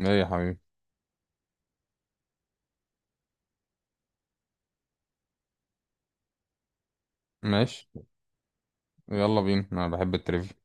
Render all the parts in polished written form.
ايه يا حبيبي. ماشي. يلا بينا، انا بحب التريفيا.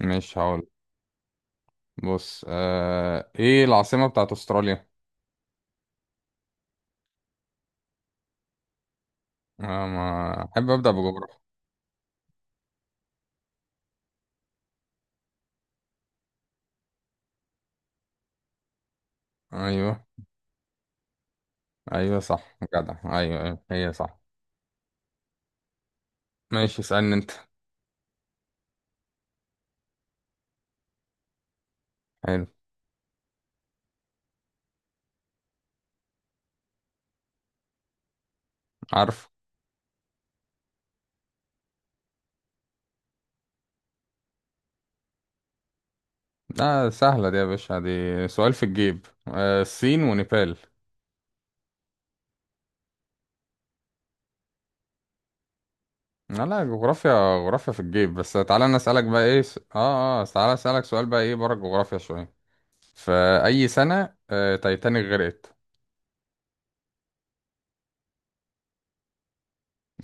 ماشي هقول. بص ايه العاصمة بتاعت استراليا؟ آه، ما احب ابدأ بجغرافيا. ايوه ايوه صح، جدع، ايوه ايوه، هي صح. ماشي، اسألني انت. حلو. عارف. لا، سهلة دي يا باشا، دي سؤال في الجيب، الصين ونيبال. لا لا، جغرافيا. جغرافيا في الجيب، بس تعالى انا اسألك بقى. ايه س... اه اه تعالى اسألك سؤال بقى، ايه بره الجغرافيا شوية. في أي سنة تايتانيك غرقت؟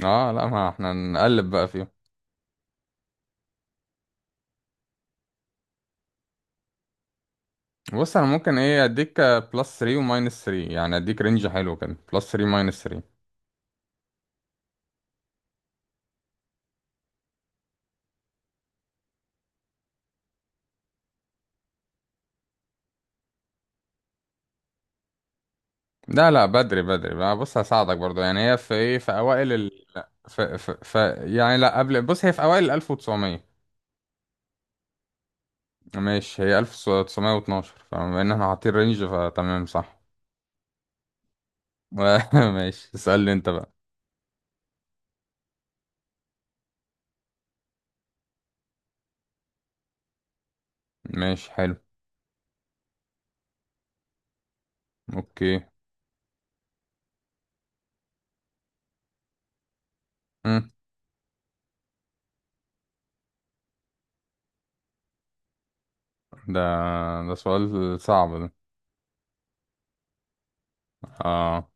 اه لا، ما احنا نقلب بقى فيهم. بص انا ممكن، ايه، اديك بلس 3 وماينس 3، يعني اديك رينج حلو كده، بلس 3 ماينس 3. لا لا، بدري بدري بقى، بص هساعدك برضو، يعني هي في، ايه، في اوائل ال في، يعني لا قبل، بص هي في اوائل ال 1900. ماشي، هي 1912، فبما ان احنا حاطين رينج فتمام، صح. ماشي اسألني انت بقى. ماشي حلو. اوكي. مم. ده ده سؤال صعب ده. اه,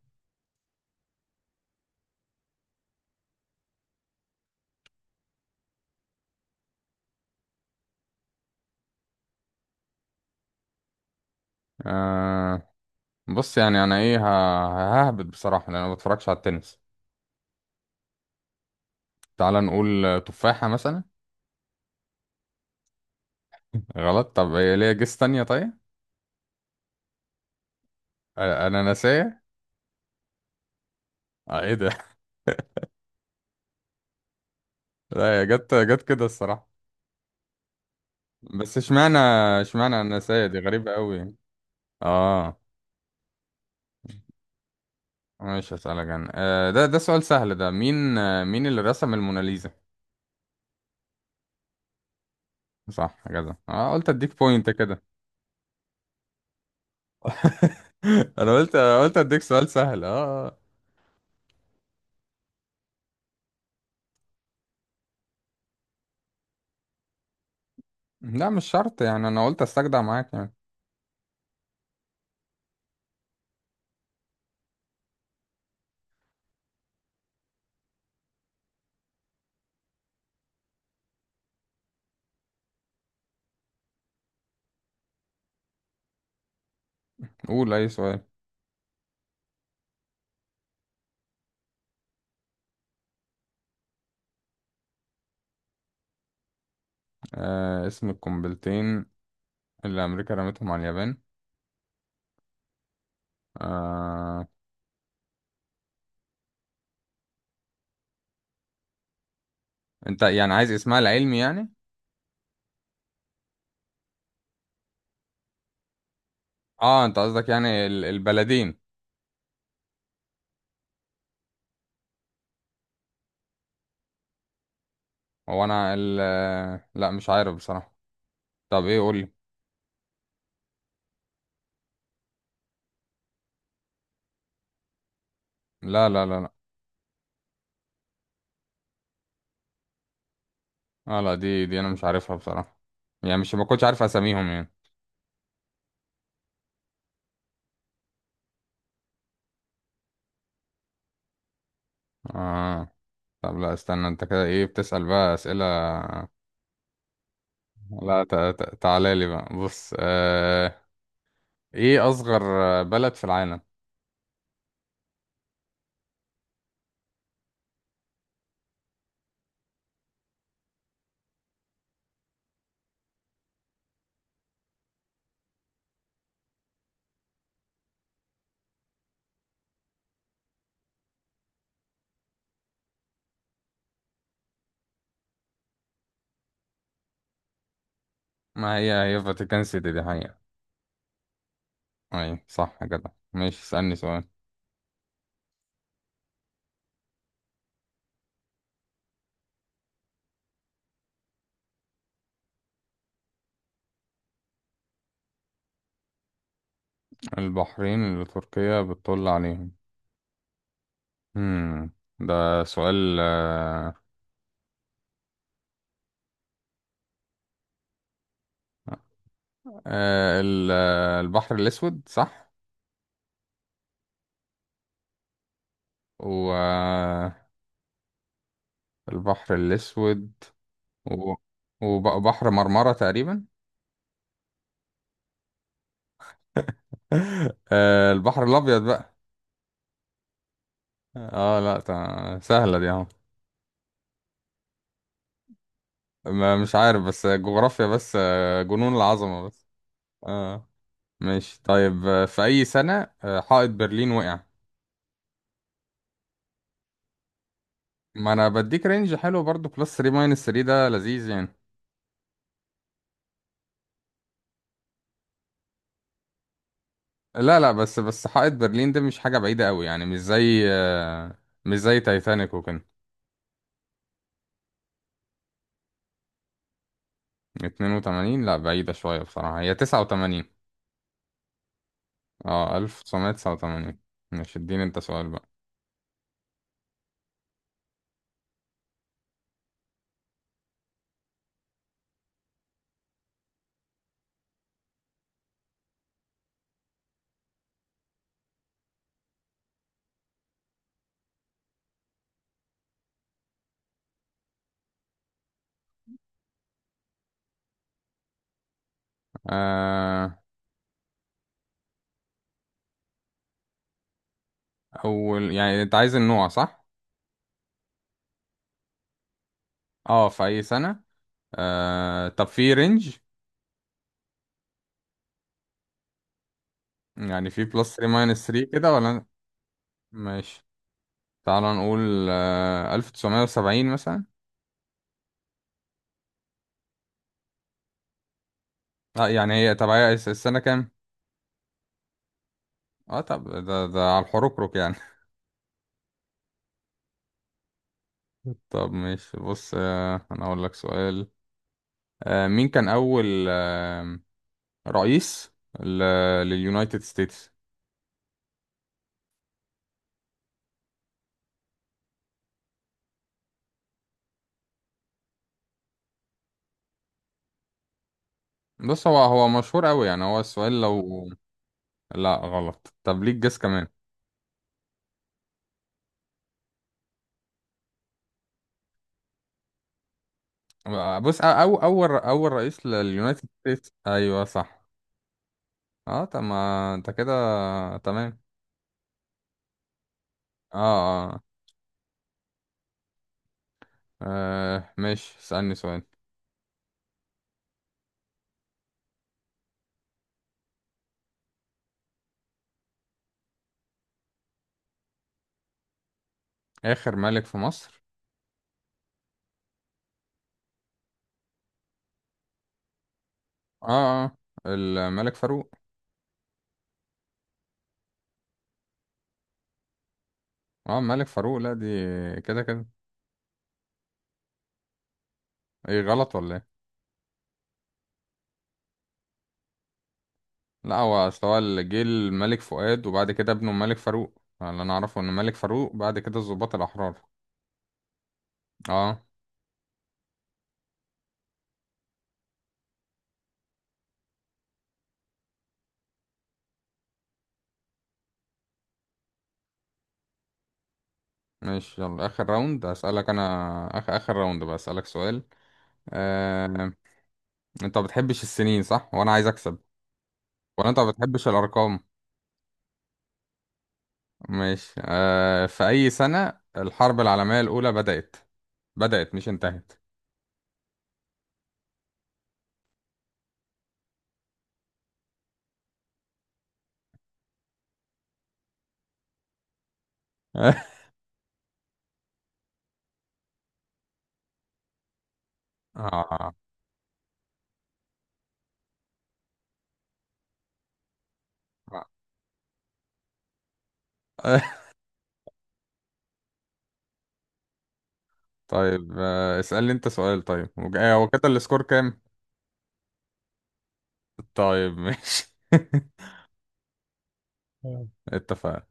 آه. بص يعني انا، ههبط بصراحه، لان انا ما بتفرجش على التنس. تعال نقول تفاحه مثلا. غلط. طب هي ليها جيس تانية؟ طيب، اناناسيه. ايه ده؟ لا، هي جت جت كده الصراحه. بس اشمعنى اناناسيه دي غريبه قوي. اه. مش هسألك انا. ده سؤال سهل ده، مين اللي رسم الموناليزا؟ صح كده، اه، قلت اديك بوينت كده. انا قلت اديك سؤال سهل، اه، آه. لا مش شرط، يعني انا قلت استجدع معاك يعني. قول اي سؤال. آه، اسم القنبلتين اللي أمريكا رمتهم على اليابان. آه، أنت يعني عايز اسمها العلمي يعني؟ اه، أنت قصدك يعني البلدين. هو أنا ال آه، لا، مش عارف بصراحة. طب إيه؟ قولي. لا لا لا لا. اه لا، دي أنا مش عارفها بصراحة. يعني مش، ما كنتش عارف أساميهم يعني. اه طب لا، استنى، أنت كده إيه بتسأل بقى أسئلة؟ لا تعالى لي بقى، بص إيه أصغر بلد في العالم؟ ما هي، هي فاتيكان سيتي دي حقيقة. أي صح كده، ماشي اسألني سؤال. البحرين اللي تركيا بتطل عليهم. هم. ده سؤال البحر الأسود، صح؟ والبحر الأسود و- وبحر مرمرة تقريبا. البحر الأبيض بقى. اه لا، سهلة دي اهو. مش عارف، بس جغرافيا، بس جنون العظمة بس. اه ماشي، طيب في أي سنة حائط برلين وقع؟ ما انا بديك رينج حلو برضو، بلس 3 ماينس 3، ده لذيذ يعني. لا لا، بس بس حائط برلين ده مش حاجة بعيدة قوي يعني، مش زي تايتانيك وكده. 82؟ لا، بعيدة شوية بصراحة، هي 89. اه، 1989. مش، اديني انت سؤال بقى. آه. اول يعني، انت عايز النوع، صح؟ اه، في اي سنة. طب في رينج، يعني في بلس 3 ماينس 3 كده ولا؟ ماشي. تعال نقول 1970 مثلا. اه يعني هي، طب هي السنة كام؟ اه طب، ده على الحركرك يعني. طب ماشي، بص انا اقول لك سؤال. مين كان اول رئيس ل- لليونايتد ستيتس؟ بص هو، مشهور قوي يعني، هو السؤال لو... لا غلط. طب ليك جس كمان. بص، اول رئيس لليونايتد ستيتس، ايوه صح. اه طب ما انت كده تمام. اه اه. ماشي اسألني سؤال. اخر ملك في مصر. اه اه. الملك فاروق. اه، ملك فاروق، لا دي كده كده. ايه، غلط ولا ايه؟ لا، هو اصل هو اللي جه الملك فؤاد، وبعد كده ابنه الملك فاروق، اللي انا اعرفه ان ملك فاروق بعد كده الضباط الاحرار. اه ماشي، يلا اخر راوند هسألك انا، اخر اخر راوند بقى اسألك سؤال. آه... انت ما بتحبش السنين، صح؟ وانا عايز اكسب. ولا انت ما بتحبش الارقام. ماشي، في اي سنة الحرب العالمية الاولى بدأت؟ بدأت مش انتهت. آه. طيب، اسألني انت سؤال طيب، هو كده السكور كام؟ طيب ماشي. آه. اتفقنا.